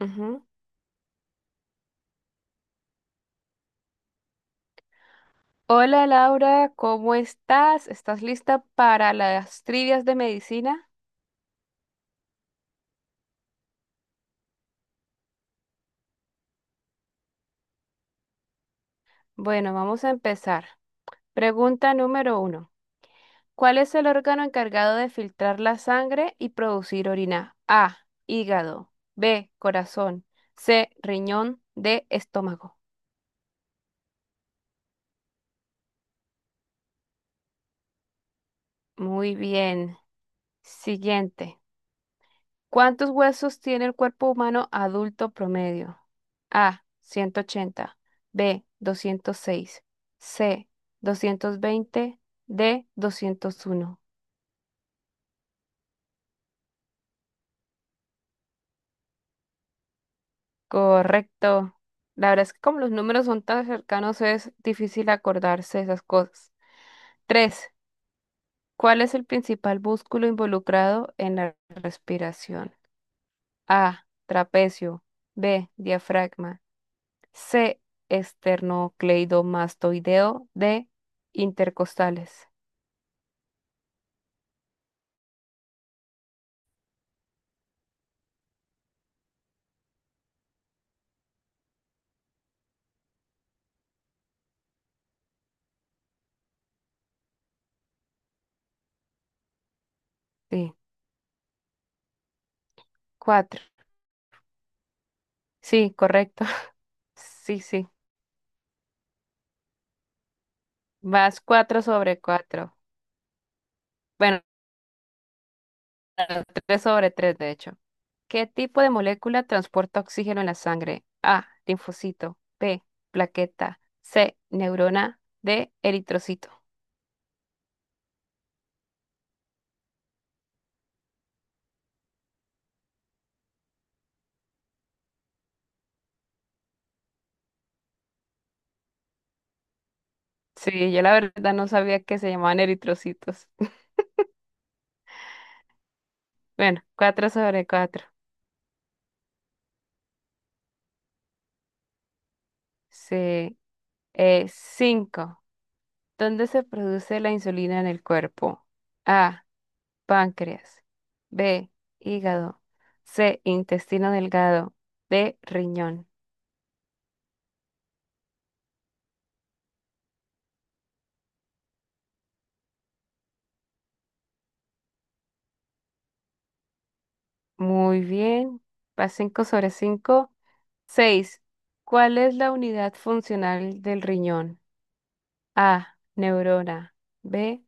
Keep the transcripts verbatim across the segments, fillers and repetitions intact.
Ujú. Hola Laura, ¿cómo estás? ¿Estás lista para las trivias de medicina? Bueno, vamos a empezar. Pregunta número uno. ¿Cuál es el órgano encargado de filtrar la sangre y producir orina? A, hígado. B, corazón. C, riñón. D, estómago. Muy bien. Siguiente. ¿Cuántos huesos tiene el cuerpo humano adulto promedio? A, ciento ochenta, B, doscientos seis, C, doscientos veinte, D, doscientos uno. Correcto. La verdad es que como los números son tan cercanos es difícil acordarse de esas cosas. Tres. ¿Cuál es el principal músculo involucrado en la respiración? A, trapecio, B, diafragma, C. Esternocleidomastoideo. D. Intercostales. Sí, cuatro. Sí, correcto. Sí, sí. Vas cuatro sobre cuatro. Bueno, tres sobre tres, de hecho. ¿Qué tipo de molécula transporta oxígeno en la sangre? A. Linfocito. B. Plaqueta. C. Neurona. D. Eritrocito. Sí, yo la verdad no sabía que se llamaban eritrocitos. Bueno, cuatro sobre cuatro. Sí. Eh, cinco. ¿Dónde se produce la insulina en el cuerpo? A. Páncreas. B. Hígado. C. Intestino delgado. D. Riñón. Muy bien. Va cinco sobre cinco. Seis. ¿Cuál es la unidad funcional del riñón? A. Neurona. B.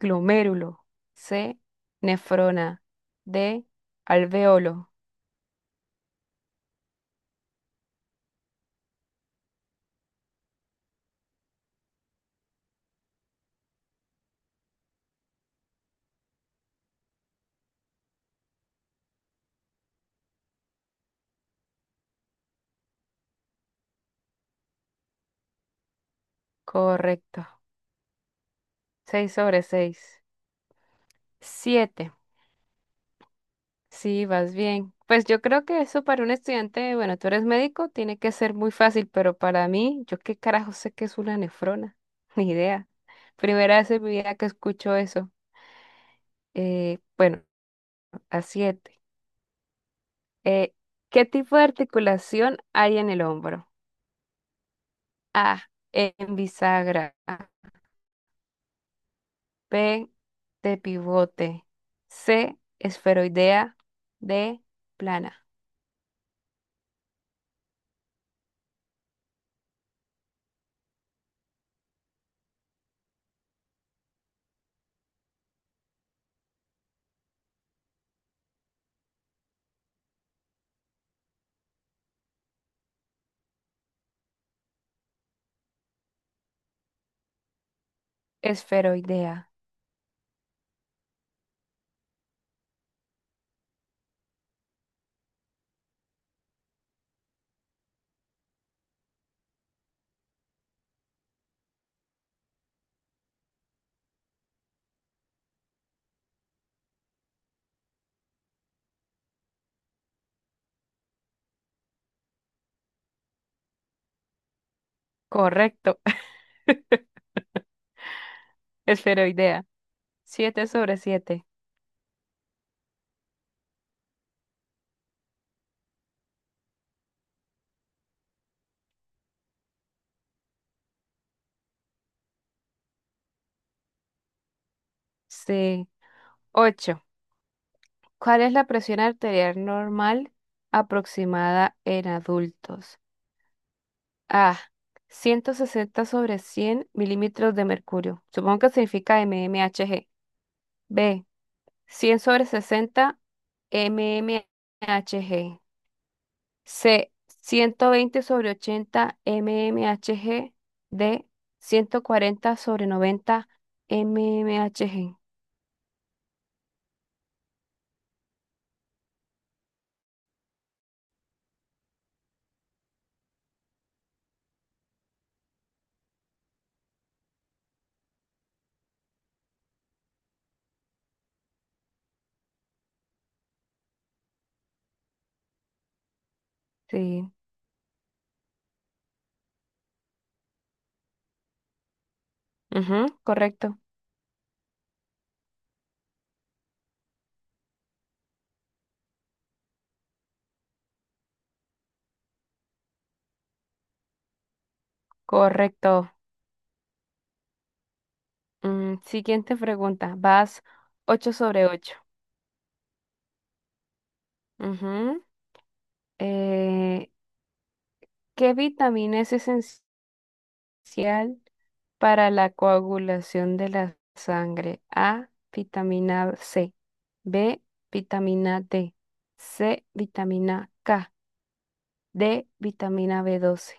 Glomérulo. C. Nefrona. D. Alveolo. Correcto. Seis sobre seis. Siete. Sí, vas bien. Pues yo creo que eso para un estudiante, bueno, tú eres médico, tiene que ser muy fácil, pero para mí, yo qué carajo sé que es una nefrona, ni idea. Primera vez en mi vida que escucho eso. Eh, bueno, a siete. Eh, ¿qué tipo de articulación hay en el hombro? A, en bisagra. B, de pivote. C, esferoidea. D, plana. Esferoidea. Correcto, esferoidea. Siete sobre siete. Sí. Ocho. ¿Cuál es la presión arterial normal aproximada en adultos? A. Ciento sesenta sobre cien milímetros de mercurio. Supongo que significa mmHg. B. Cien sobre sesenta mmHg. C. Ciento veinte sobre ochenta mmHg. D. Ciento cuarenta sobre noventa mmHg. Sí. Ujú, correcto. Correcto. Mm, siguiente pregunta. Vas ocho sobre ocho. Ujú. Eh, ¿qué vitamina es esencial para la coagulación de la sangre? A, vitamina C. B, vitamina D. C, vitamina K. D, vitamina b doce.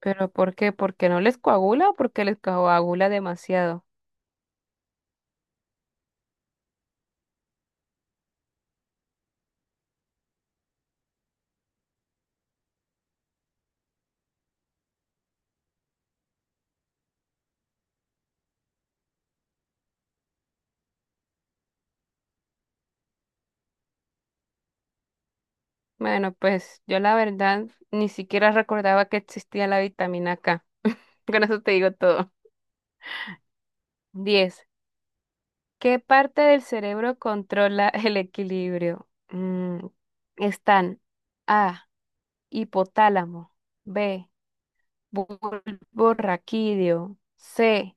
¿Pero por qué? ¿Porque no les coagula o porque les coagula demasiado? Bueno, pues yo la verdad ni siquiera recordaba que existía la vitamina K. Con eso te digo todo. Diez. ¿Qué parte del cerebro controla el equilibrio? Mm, están A, hipotálamo, B, bulbo raquídeo, C,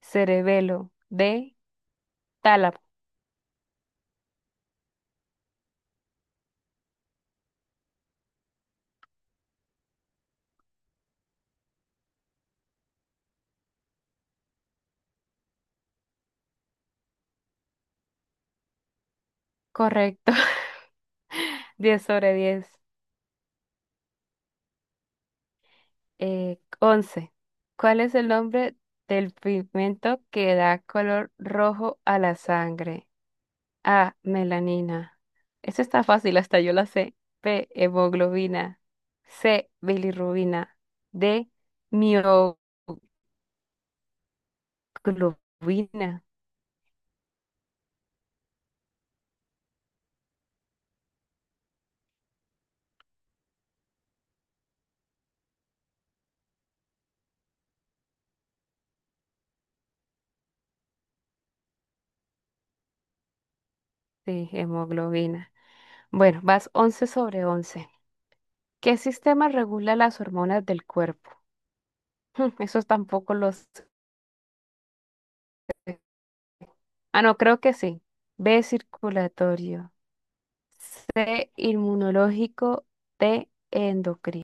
cerebelo, D, tálamo. Correcto. Diez sobre diez. Eh, Once. ¿Cuál es el nombre del pigmento que da color rojo a la sangre? A, melanina. Eso está fácil, hasta yo la sé. B, hemoglobina. C, bilirrubina. D, mioglobina. Sí, hemoglobina. Bueno, vas once sobre once. ¿Qué sistema regula las hormonas del cuerpo? Eso tampoco los... Ah, no, creo que sí. B, circulatorio. C, inmunológico. D, endocrino.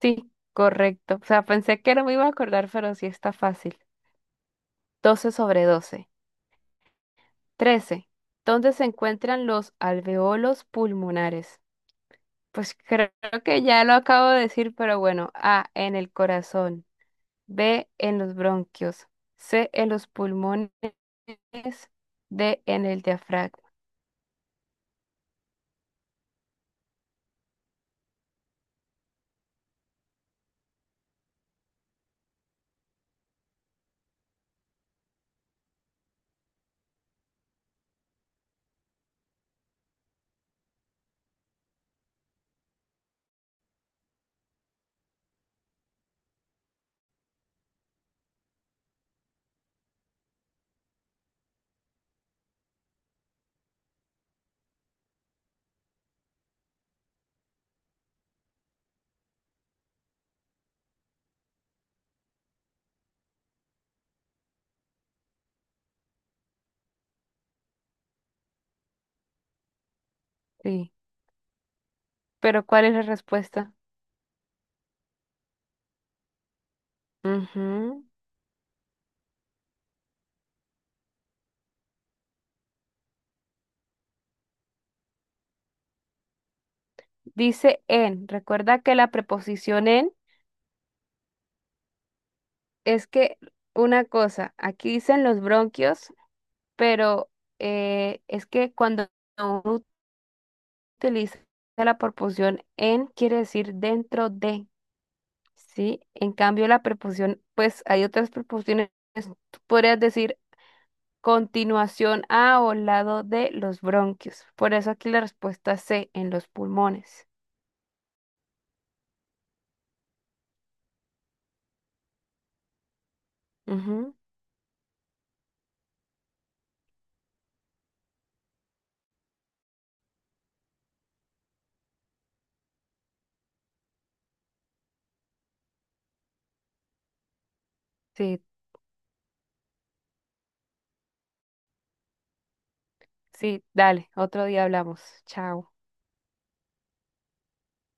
Sí, correcto. O sea, pensé que no me iba a acordar, pero sí está fácil. Doce sobre doce, trece. ¿Dónde se encuentran los alveolos pulmonares? Pues creo que ya lo acabo de decir, pero bueno. A, en el corazón. B, en los bronquios. C, en los pulmones. D, en el diafragma. Sí. Pero ¿cuál es la respuesta? Ujú. Dice en. Recuerda que la preposición en es que una cosa, aquí dicen los bronquios, pero eh, es que cuando uno utiliza la preposición en, quiere decir dentro de, ¿sí? En cambio, la preposición, pues hay otras preposiciones, tú podrías decir continuación a o lado de los bronquios. Por eso aquí la respuesta C, en los pulmones. Ujú. Sí, sí, dale, otro día hablamos. Chao.